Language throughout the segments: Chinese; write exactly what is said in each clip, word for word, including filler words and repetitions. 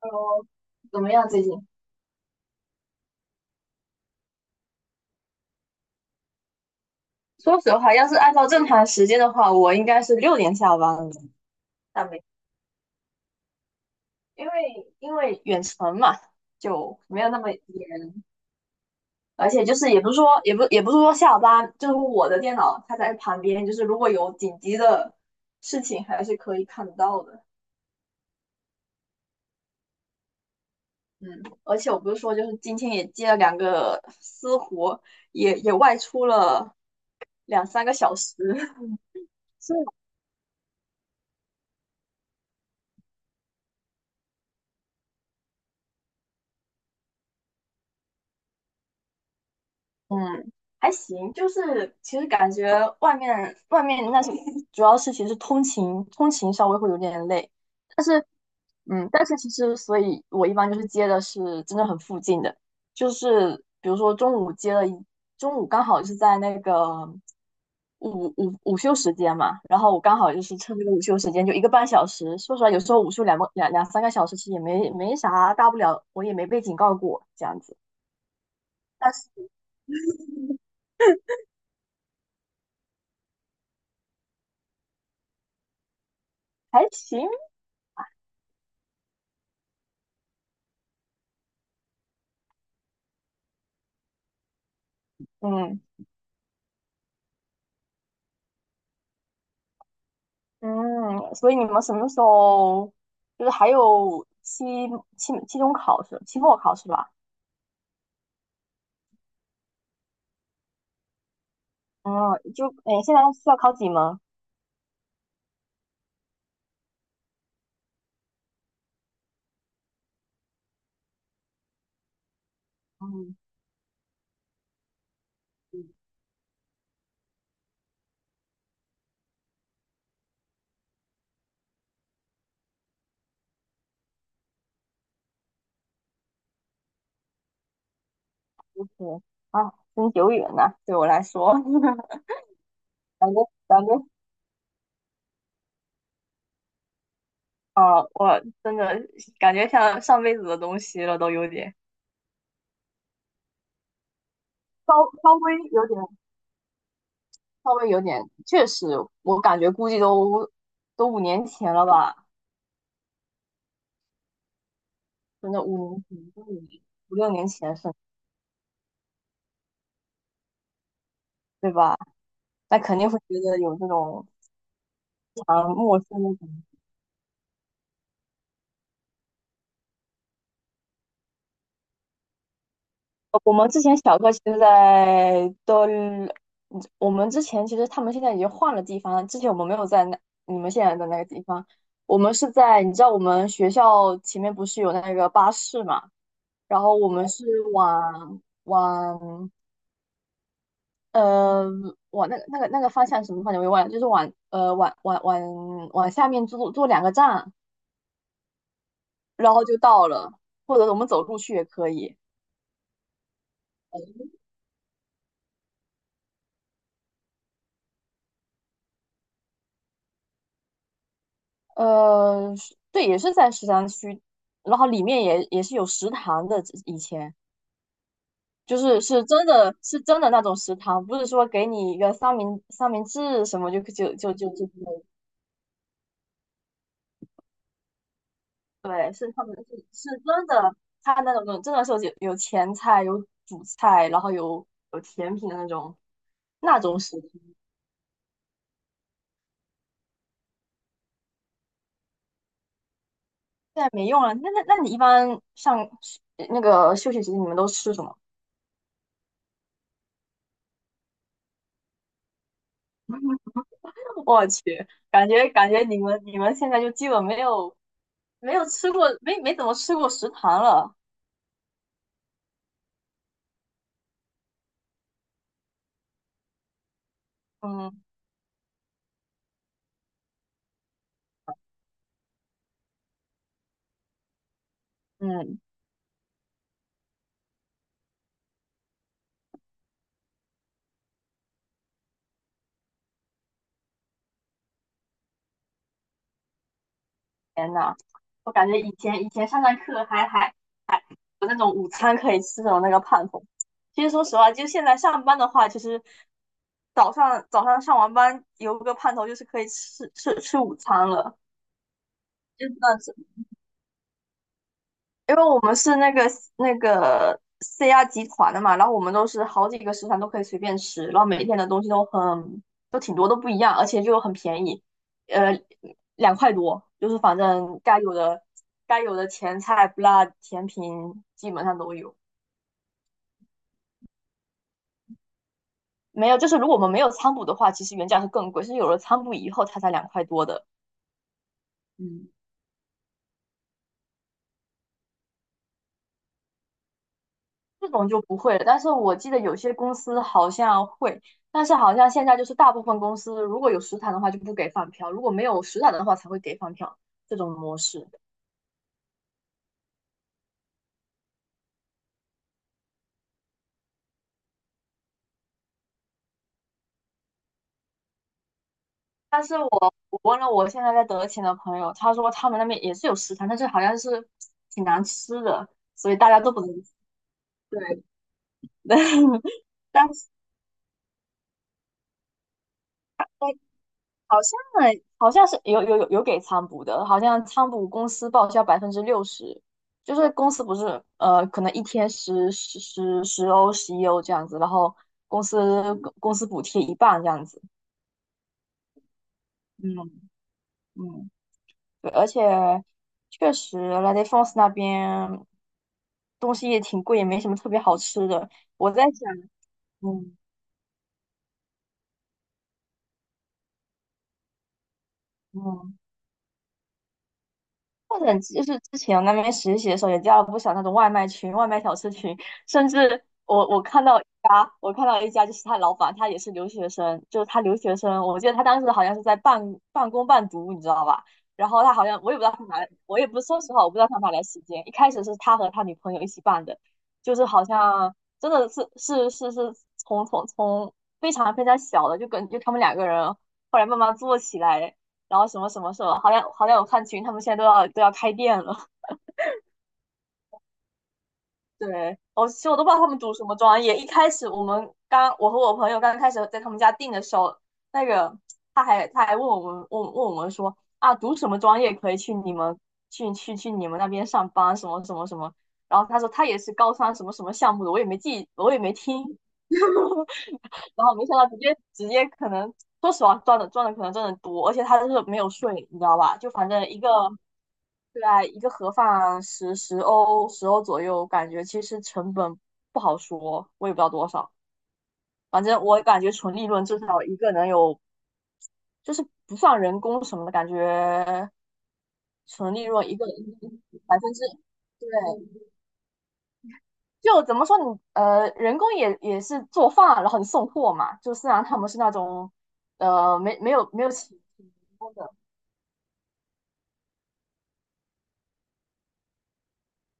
哦，怎么样最近？说实话，要是按照正常时间的话，我应该是六点下班了。但没，因为因为远程嘛，就没有那么严。而且就是也不是说，也不也不是说下班，就是我的电脑它在旁边，就是如果有紧急的事情，还是可以看得到的。嗯，而且我不是说，就是今天也接了两个私活，也也外出了两三个小时。是，嗯，还行，就是其实感觉外面外面那些主要是其实通勤通勤稍微会有点累，但是嗯，但是其实所以我一般就是接的是真的很附近的，就是比如说中午接了一中午刚好是在那个午午午休时间嘛，然后我刚好就是趁这个午休时间就一个半小时，说实话有时候午休两个两两三个小时其实也没没啥大不了，我也没被警告过这样子，但是还行，嗯。嗯，所以你们什么时候就是还有期期期中考试、期末考试吧？嗯，就诶，现在需要考几门？嗯，对啊，真久远呐、对我来说，感觉感觉啊，我真的感觉像上辈子的东西了，都有点稍稍微有点稍微有点，确实，我感觉估计都都五年前了吧，真的五年前、五年五六年前是，对吧？那肯定会觉得有这种。啊，陌生的感觉。呃我们之前小哥其实在都，嗯，我们之前其实他们现在已经换了地方了，之前我们没有在那你们现在的那个地方，我们是在你知道我们学校前面不是有那个巴士嘛，然后我们是往往呃往那个那个那个方向，什么方向我也忘了，就是往呃往往往往下面坐坐两个站，然后就到了，或者我们走路去也可以。呃，是，对，也是在十三区，然后里面也也是有食堂的。以前就是是真的是真的那种食堂，不是说给你一个三明三明治什么就就就就就对，是他们是是真的，他那种真的是有有前菜、有主菜，然后有有甜品的那种那种食堂，现在没用了。那那那你一般上呃那个休息时间你们都吃什么？我去，感觉感觉你们你们现在就基本没有没有吃过，没没怎么吃过食堂了。嗯嗯，天呐，我感觉以前以前上上课还还还有那种午餐可以吃的那个盼头。其实说实话，就现在上班的话，其实早上早上上完班有个盼头，就是可以吃吃吃午餐了，真的，因为我们是那个那个 C R 集团的嘛，然后我们都是好几个食堂都可以随便吃，然后每一天的东西都很都挺多，都不一样，而且就很便宜，呃，两块多，就是反正该有的该有的前菜、不辣、甜品基本上都有。没有，就是如果我们没有餐补的话，其实原价是更贵，是有了餐补以后它才两块多的。嗯，这种就不会了，但是我记得有些公司好像会，但是好像现在就是大部分公司如果有食堂的话就不给饭票，如果没有食堂的话才会给饭票这种模式。但是我我问了我现在在德勤的朋友，他说他们那边也是有食堂，但是好像是挺难吃的，所以大家都不能吃。对，好像好像是有有有有给仓补的，好像仓补公司报销百分之六十，就是公司不是呃可能一天十十十十欧十一欧这样子，然后公司公司补贴一半这样子。嗯嗯，对，而且确实 La d é f o n s e 那边东西也挺贵，也没什么特别好吃的。我在想，嗯嗯。或者就是之前我那边实习的时候，也加了不少那种外卖群、外卖小吃群，甚至我我看到一家，我看到一家就是他老板，他也是留学生，就是他留学生，我记得他当时好像是在半半工半读，你知道吧？然后他好像我也不知道他哪来，我也不，说实话，我不知道他哪来时间。一开始是他和他女朋友一起办的，就是好像真的是是是是从从从非常非常小的，就跟就他们两个人后来慢慢做起来。然后。什么什么什么，好像好像我看群，他们现在都要都要开店了。对，我其实我都不知道他们读什么专业。一开始我们刚，我和我朋友刚开始在他们家订的时候，那个他还他还问我们问问我们说啊，读什么专业可以去你们去去去你们那边上班，什么什么什么。然后他说他也是高三什么什么项目的，我也没记，我也没听。然后没想到直接直接可能，说实话赚的赚的可能真的多，而且他就是没有税，你知道吧？就反正一个，对啊，一个盒饭十十欧十欧左右，感觉其实成本不好说，我也不知道多少，反正我感觉纯利润至少一个能有，就是不算人工什么的，感觉纯利润一个百分之，对。就怎么说你，呃，人工也也是做饭，然后你送货嘛，就虽然他们是那种，呃没没有没有请请员工的。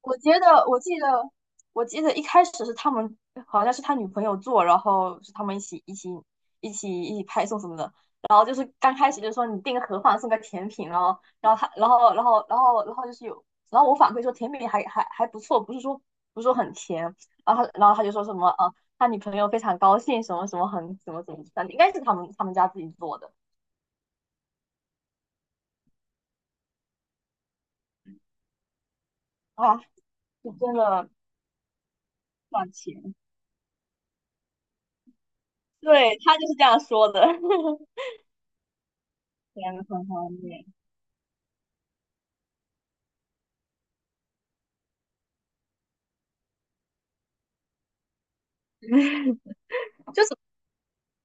我觉得，我记得，我记得一开始是他们，好像是他女朋友做，然后是他们一起一起一起一起派送什么的。然后就是刚开始就说你订个盒饭送个甜品，然后然后他然后然后然后然后就是有，然后我反馈说甜品还还还不错，不是说不是说很甜。然后他然后他就说什么啊，他女朋友非常高兴，什么什么很怎么怎么，应该是他们他们家自己做的。啊，是真的赚钱。对，他就是这样说的。天呐，很方便。就是。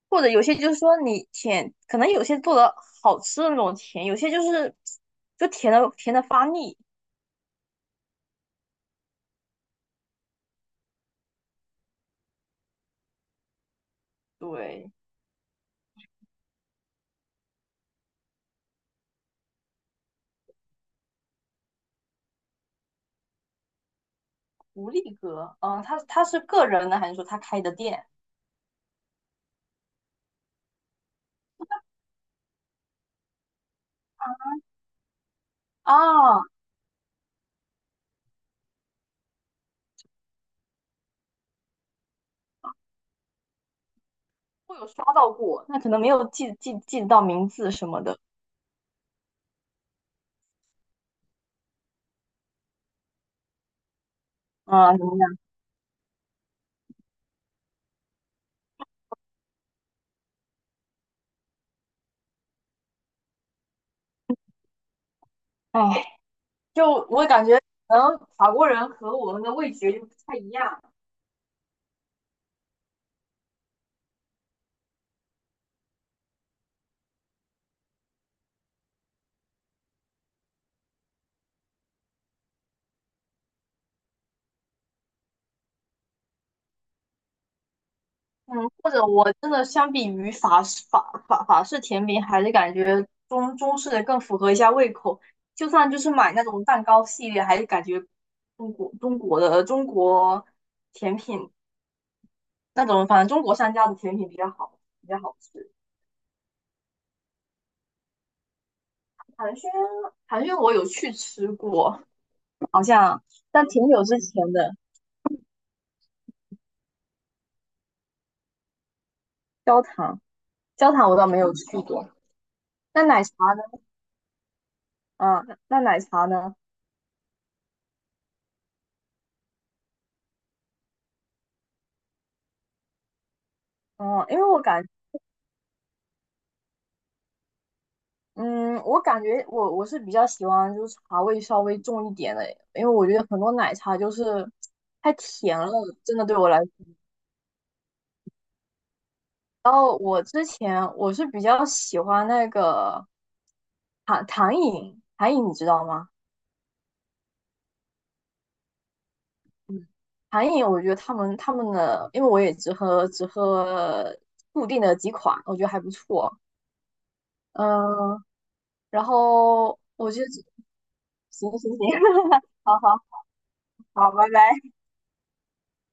或者有些就是说你甜，可能有些做的好吃的那种甜，有些就是就甜的甜的发腻。对，无力哥，嗯，他他是个人的还是说他开的店啊？我有刷到过，那可能没有记记记得到名字什么的。啊，怎么样？哎，就我感觉可能法国人和我们的味觉就不太一样。嗯，或者我真的相比于法式法法法式甜品，还是感觉中中式的更符合一下胃口。就算就是买那种蛋糕系列，还是感觉中国中国的中国甜品那种，反正中国商家的甜品比较好，比较好吃。寒暄寒暄我有去吃过，好像但挺久之前的。焦糖焦糖我倒没有去过。那奶茶呢？嗯，那那奶茶呢？嗯，因为我感嗯，我感觉我我是比较喜欢就是茶味稍微重一点的，因为我觉得很多奶茶就是太甜了，真的对我来说。然后我之前我是比较喜欢那个糖糖饮，糖饮你知道吗？嗯，糖饮我觉得他们他们的，因为我也只喝只喝固定的几款，我觉得还不错。嗯，然后我觉得行行行，好好好，拜拜。